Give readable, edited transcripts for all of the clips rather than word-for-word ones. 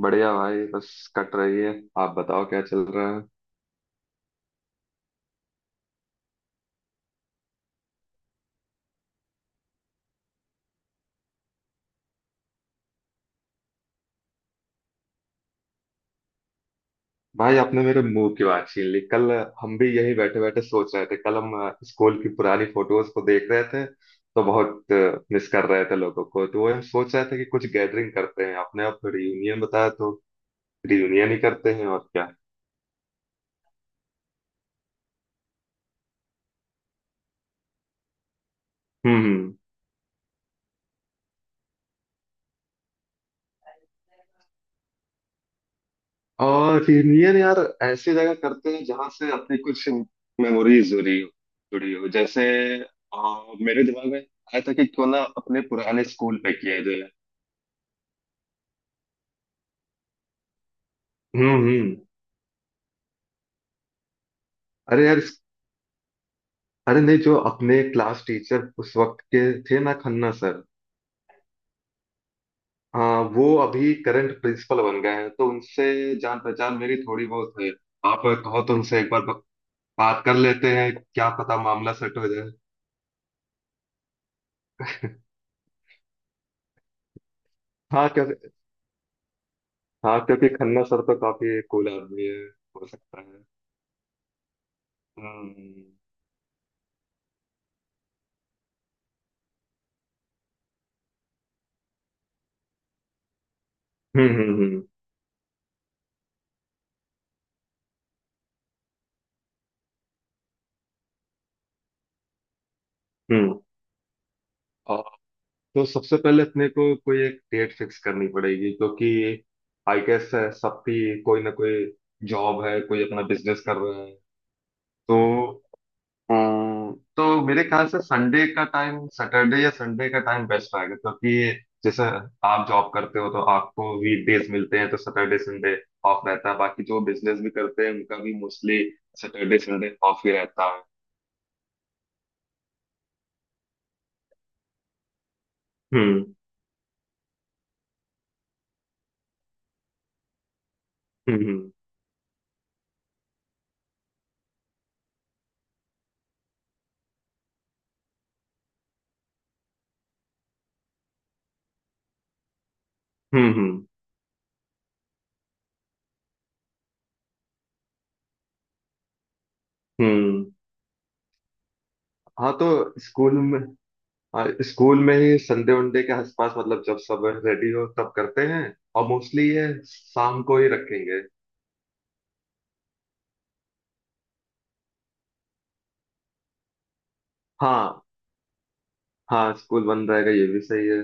बढ़िया भाई। बस कट रही है। आप बताओ क्या चल रहा है। भाई आपने मेरे मुंह की बात छीन ली। कल हम भी यही बैठे बैठे सोच रहे थे। कल हम स्कूल की पुरानी फोटोज को देख रहे थे तो बहुत मिस कर रहे थे लोगों को। तो वही हम सोच रहे थे कि कुछ गैदरिंग करते हैं। आपने आप रियूनियन बताया तो रियूनियन ही करते हैं, और क्या। हम्म। और रियूनियन यार ऐसी जगह करते हैं जहां से अपनी कुछ मेमोरीज जुड़ी हो। जैसे मेरे दिमाग में आया था कि क्यों ना अपने पुराने स्कूल पे किया जाए। हम्म। अरे यार इस- अरे नहीं, जो अपने क्लास टीचर उस वक्त के थे ना, खन्ना सर। हाँ वो अभी करंट प्रिंसिपल बन गए हैं तो उनसे जान पहचान मेरी थोड़ी बहुत है। आप कहो तो उनसे एक बार बात कर लेते हैं, क्या पता मामला सेट हो जाए। हाँ क्योंकि हाँ क्योंकि खन्ना सर तो काफी कूल आदमी है। हो सकता है। हम्म हम्म हम्म हम्म हम्म। तो सबसे पहले अपने को कोई एक डेट फिक्स करनी पड़ेगी क्योंकि आई गेस सबकी कोई ना कोई जॉब है, कोई अपना बिजनेस कर रहा है। तो तो मेरे ख्याल से संडे का टाइम, सैटरडे या संडे का टाइम बेस्ट रहेगा क्योंकि जैसे आप जॉब करते हो तो आपको वीकडेज मिलते हैं, तो सैटरडे संडे ऑफ रहता है। बाकी जो बिजनेस भी करते हैं उनका भी मोस्टली सैटरडे संडे ऑफ ही रहता है। हम्म हम्म हम्म हम्म हम्म। हाँ तो स्कूल में हाँ स्कूल में ही संडे वनडे के आसपास, मतलब जब सब रेडी हो तब करते हैं। और मोस्टली ये शाम को ही रखेंगे। हाँ। हाँ स्कूल बंद रहेगा, ये भी सही है।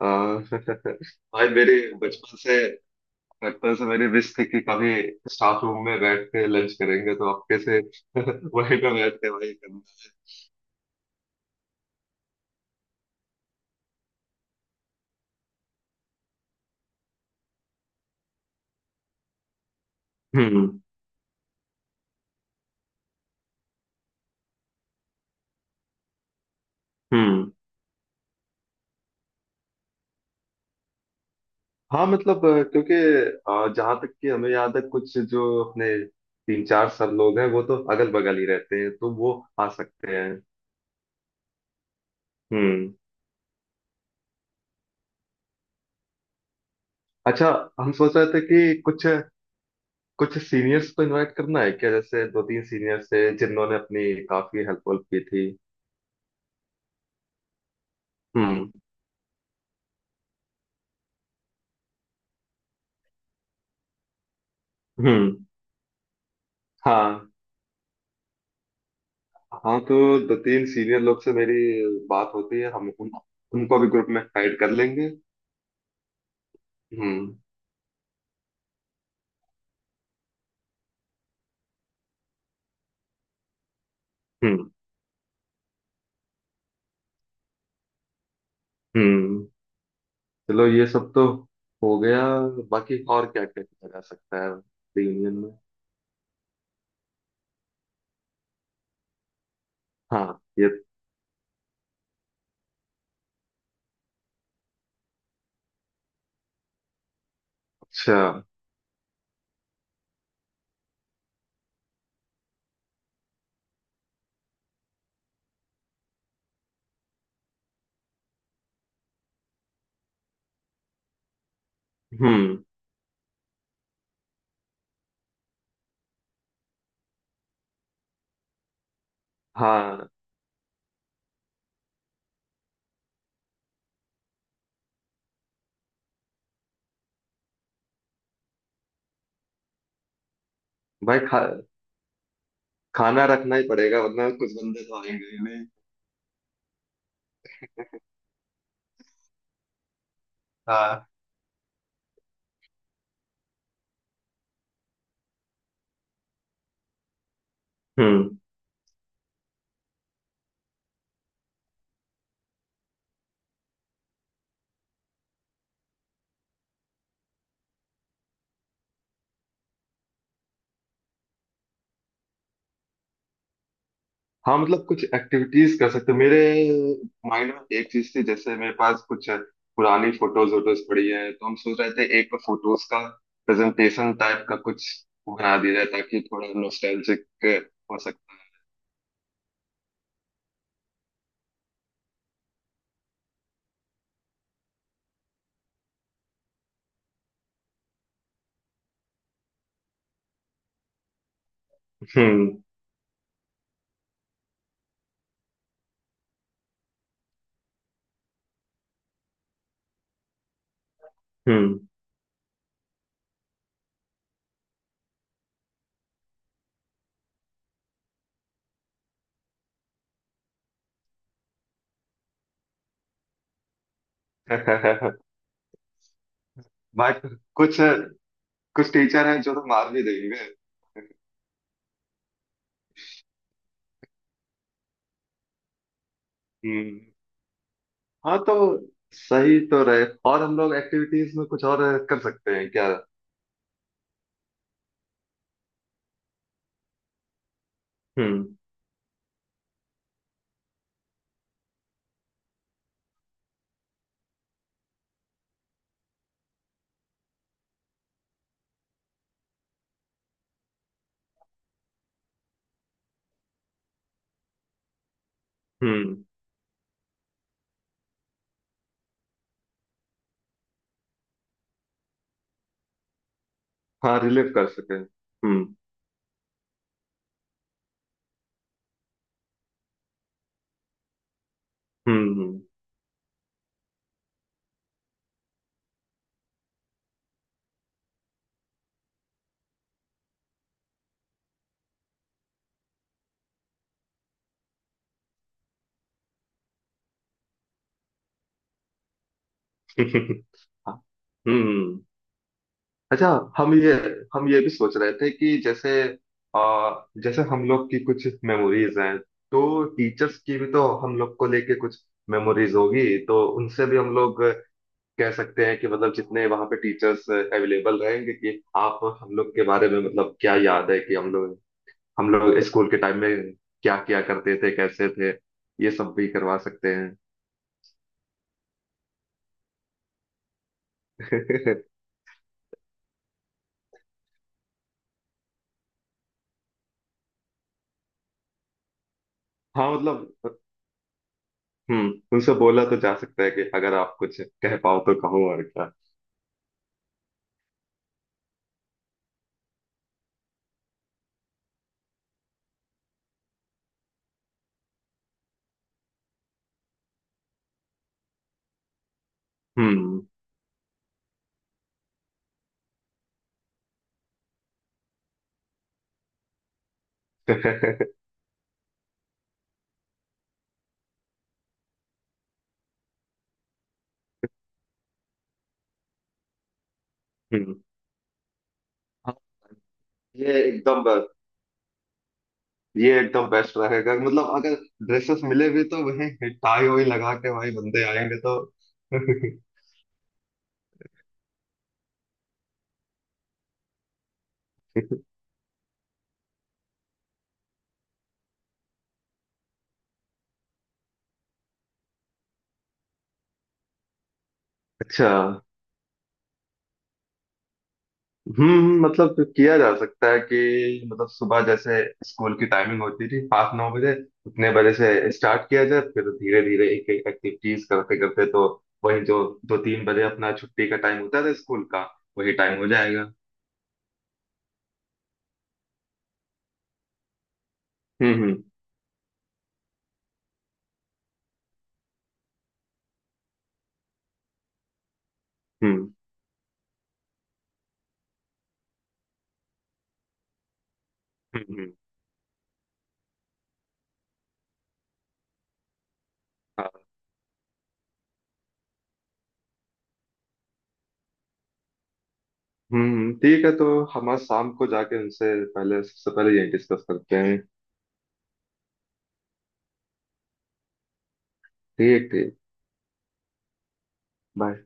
आ, भाई मेरी बचपन से बचपन से मेरी विश थी कि कभी स्टाफ रूम में बैठ के लंच करेंगे, तो आपके से वहीं पे बैठ के वही करना। हम्म हम्म। हाँ मतलब क्योंकि जहाँ तक कि हमें याद है, कुछ जो अपने तीन चार सब लोग हैं वो तो अगल बगल ही रहते हैं, तो वो आ सकते हैं। हम्म। अच्छा, हम सोच रहे थे कि कुछ कुछ सीनियर्स को इनवाइट करना है क्या। जैसे दो तीन सीनियर्स थे जिन्होंने अपनी काफी हेल्प वेल्प की थी। हम्म हम्म। हाँ हाँ तो दो तीन सीनियर लोग से मेरी बात होती है, उनको भी ग्रुप में ऐड कर लेंगे। हम्म हम्म हम्म। चलो ये सब तो हो गया, बाकी और क्या क्या किया जा सकता है। रियूनियन में। हाँ ये। अच्छा। हम्म। हाँ भाई खा खाना रखना ही पड़ेगा, वरना कुछ बंदे तो आएंगे ही नहीं। हाँ। हम्म। हाँ मतलब कुछ एक्टिविटीज कर सकते। मेरे माइंड में एक चीज थी, जैसे मेरे पास कुछ पुरानी फोटोज वोटोज पड़ी है तो हम सोच रहे थे एक फोटोज का प्रेजेंटेशन टाइप का कुछ बना दिया जाए ताकि थोड़ा नॉस्टैल्जिक हो सके। हम्म हम्म। बट कुछ कुछ टीचर हैं जो तो मार भी देंगे। हम्म। हाँ तो सही तो रहे, और हम लोग एक्टिविटीज में कुछ और कर सकते हैं क्या। हम्म हम्म। हाँ रिलेट कर सके। हम्म। हम्म। हाँ, हम्म हम्म। अच्छा, हम ये हम ये भी सोच रहे थे कि जैसे आ, जैसे हम लोग की कुछ मेमोरीज हैं, तो टीचर्स की भी तो हम लोग को लेके कुछ मेमोरीज होगी, तो उनसे भी हम लोग कह सकते हैं कि मतलब जितने वहाँ पे टीचर्स अवेलेबल रहेंगे कि आप हम लोग के बारे में मतलब क्या याद है कि हम लोग, हम लोग स्कूल के टाइम में क्या किया करते थे, कैसे थे। ये सब भी करवा सकते हैं। हाँ मतलब हम्म, उनसे बोला तो जा सकता है कि अगर आप कुछ कह पाओ तो कहो, और क्या। हम्म हम्म। हाँ, ये एकदम ये एकदम बेस्ट रहेगा। मतलब अगर ड्रेसेस मिले भी, तो वही टाई वाई लगा के वही बंदे आएंगे तो अच्छा। मतलब किया जा सकता है कि मतलब सुबह जैसे स्कूल की टाइमिंग होती थी 5, 9 बजे, उतने बजे से स्टार्ट किया जाए, फिर धीरे धीरे एक एक एक्टिविटीज करते करते। तो वही जो 2-3 बजे अपना छुट्टी का टाइम होता था स्कूल का, वही टाइम हो जाएगा। हम्म हम्म हम्म हम्म। हाँ। ठीक है। तो हम आज शाम को जाके उनसे पहले सबसे पहले ये डिस्कस करते हैं। ठीक ठीक। बाय।